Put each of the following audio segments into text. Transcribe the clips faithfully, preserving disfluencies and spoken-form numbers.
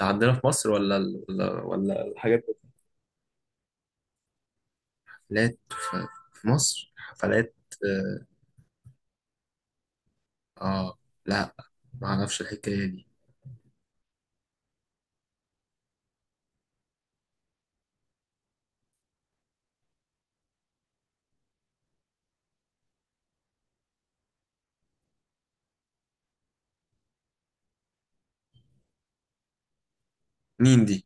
ده عندنا في مصر ولا ال- ولا ولا الحاجات دي؟ حفلات في، في مصر حفلات. اه. آه، لا، ما اعرفش الحكايه دي. مين دي؟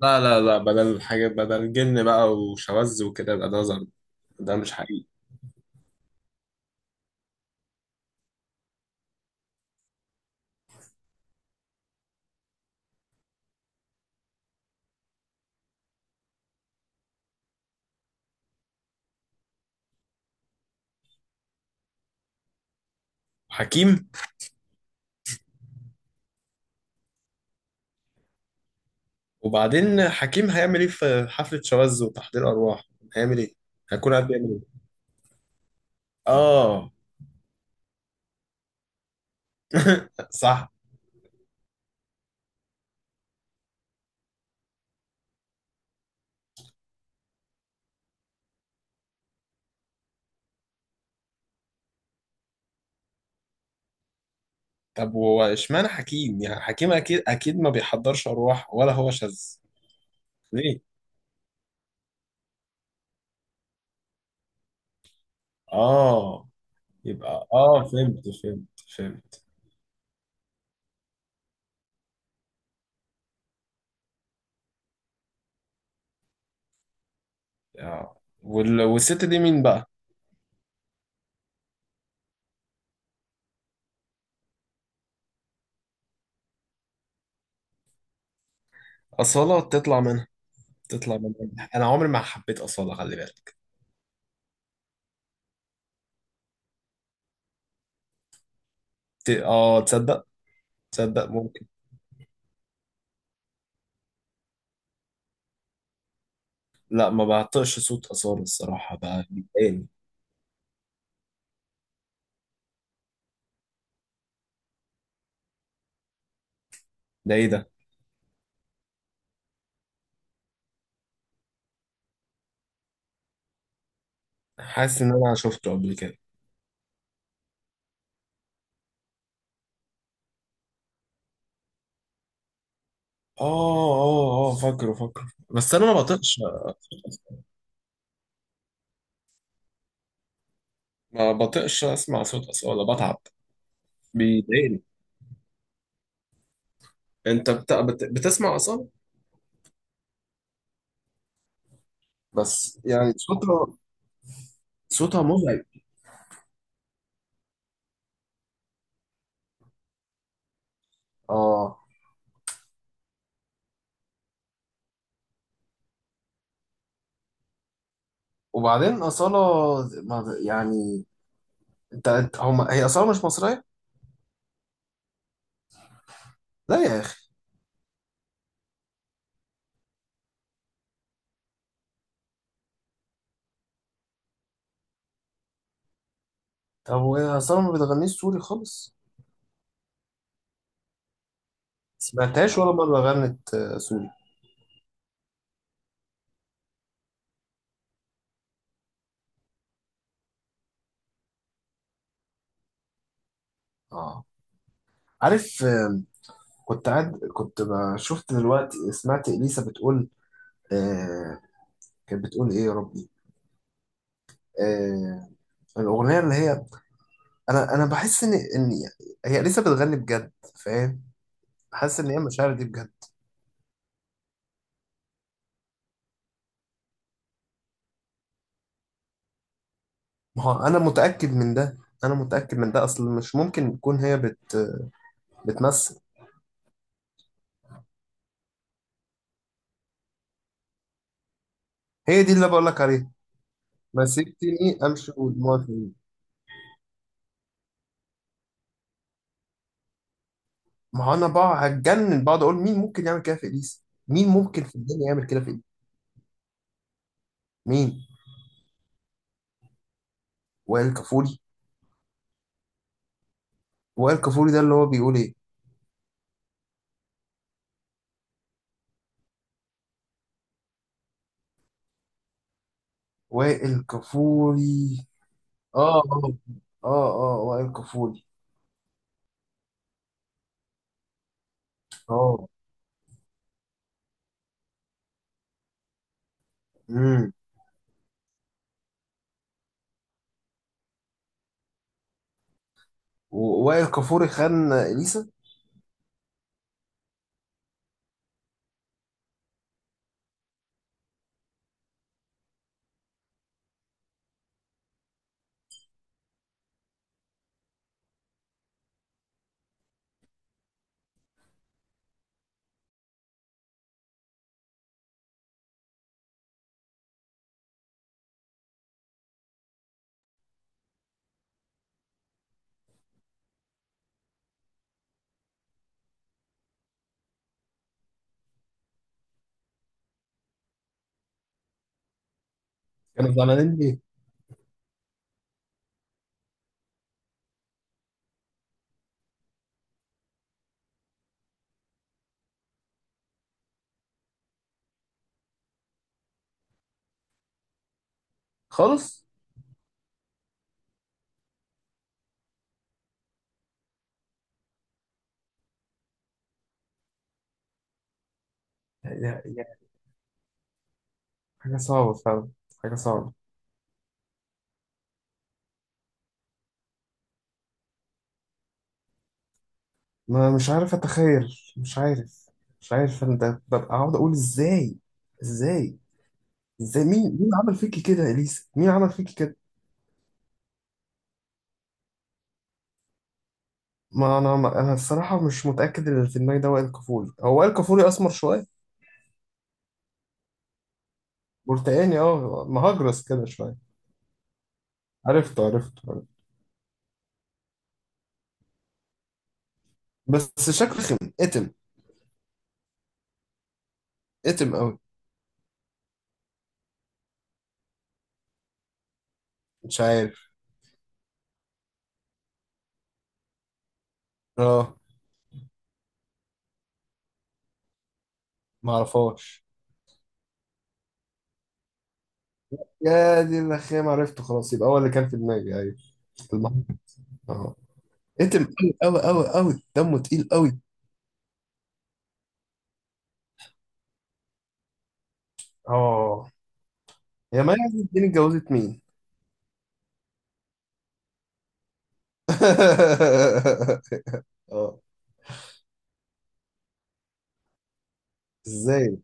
لا لا لا، بدل الحاجات، بدل جن بقى وشواذ وكده يبقى ده زر. ده مش حقيقي. حكيم؟ وبعدين حكيم هيعمل ايه في حفله شواذ وتحضير ارواح؟ هيعمل ايه؟ هيكون قاعد بيعمل ايه؟ اه. صح. طب هو اشمعنى حكيم؟ يعني حكيم اكيد اكيد ما بيحضرش ارواح ولا هو شاذ. ليه؟ اه. يبقى اه، فهمت فهمت. فهمت. اه، وال... والست دي مين بقى؟ أصالة؟ تطلع منها. تطلع منها، انا عمري ما حبيت أصالة، خلي بالك. ت... اه، تصدق؟ تصدق، ممكن. لا، ما بعطيش صوت أصالة الصراحة، بقى بيضايقني. ده ايه ده؟ حاسس ان انا شفته قبل كده. اه اه اه، فاكره فاكره. بس انا ما بطيقش. ما بطيقش اسمع صوت أصالة، بتعب. بيضايقني. انت بت... بت... بتسمع أصالة؟ بس يعني صوتها. صوتها مزعج. اه. وبعدين أصالة ما- يعني، انت انت- هم هي أصالة مش مصرية؟ لا يا أخي. طب وهي أصالة ما بتغنيش سوري خالص؟ سمعتهاش ولا مرة غنت آه، سوري؟ اه، عارف. آه، كنت قاعد، كنت ب- شفت دلوقتي سمعت إليسا بتقول. آه، كانت بتقول إيه يا ربي؟ آه، الأغنية اللي هي، أنا أنا بحس إن إن هي إليسا بتغني بجد، فاهم؟ حاسس إن هي المشاعر دي بجد. ما هو أنا متأكد من ده. أنا متأكد من ده، أصل مش ممكن تكون هي بت بتمثل. هي دي اللي بقول لك عليها. مسكتني امشي والمواطنين. ما هو انا بقى هتجنن، بقعد اقول مين ممكن يعمل كده في اليس، مين ممكن في الدنيا يعمل كده في اليس. مين؟ وائل كفوري؟ وائل كفوري ده اللي هو بيقول ايه؟ وائل كفوري. اه اه. اه. اه، وائل كفوري. اه. امم ووائل كفوري خان اليسا؟ كانوا زعلانين ليه؟ خالص. يعني يعني حاجه صعبه فعلا. حاجه صعبه. ما مش عارف اتخيل، مش عارف. مش عارف انا، ده ببقى اقعد اقول ازاي. ازاي. ازاي، مين مين عمل فيكي كده يا اليسا، مين عمل فيكي كده. ما انا ما انا الصراحه مش متاكد ان اللي في دماغي ده وائل كفوري، هو وائل كفوري اسمر شويه. برتقاني، اه، مهجرس كده شويه. عرفته عرفته عرفته. بس شكله خم، اتم. اتم قوي. مش عارف. اه. ما اعرفهاش. يا دي الرخام، عرفته خلاص. يبقى هو اللي كان في دماغي، ايوه. المهم. اه. اتم قوي قوي قوي قوي، دمه تقيل قوي. اه. هي مي عز الدين اتجوزت مين؟ اه. ازاي؟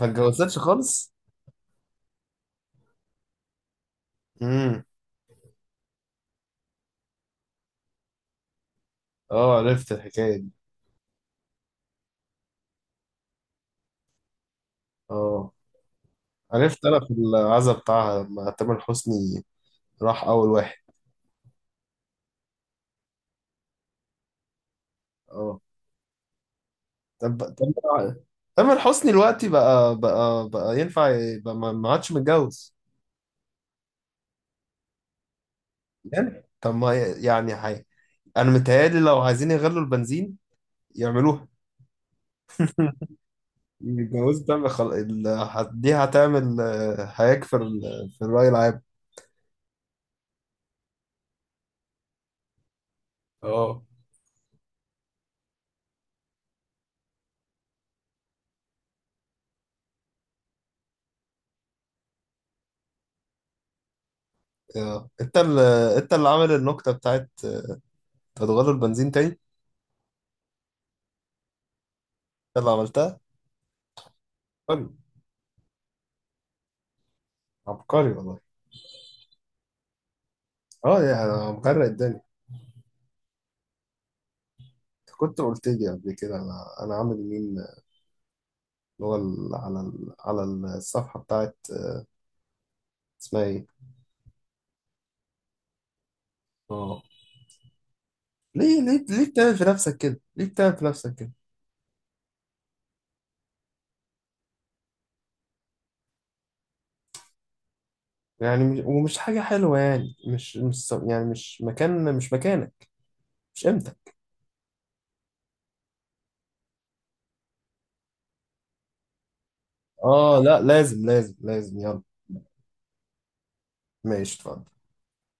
ما اتجوزتش خالص؟ امم. اه، عرفت الحكاية دي. اه، عرفت انا في العزا بتاعها لما تامر حسني راح اول واحد. اه. طب طب، تامر حسني دلوقتي بقى بقى بقى ينفع يبقى، ما ما عادش متجوز. يعني طب ما يعني حي. انا متهيألي لو عايزين يغلوا البنزين يعملوها. الجواز ده بخل... ال... هت- دي هتعمل، آه، هيك في ال... في الرأي العام. اه. آه. انت اللي، انت اللي عامل النكتة بتاعت، انت هتغير البنزين تاني، انت اللي عملتها. عبقري. عبقري والله. اه، يعني انا مغرق الدنيا. انت كنت قلت لي قبل كده، انا انا عامل مين اللي هو ال- على ال... على الصفحة بتاعت آه، اسمها ايه؟ اه. ليه ليه ليه بتعمل في نفسك كده؟ ليه بتعمل في نفسك كده؟ يعني مش... ومش حاجة حلوة، يعني مش مش يعني، مش مكان، مش مكانك، مش قيمتك. اه، لا لازم لازم لازم، يلا. ماشي اتفضل.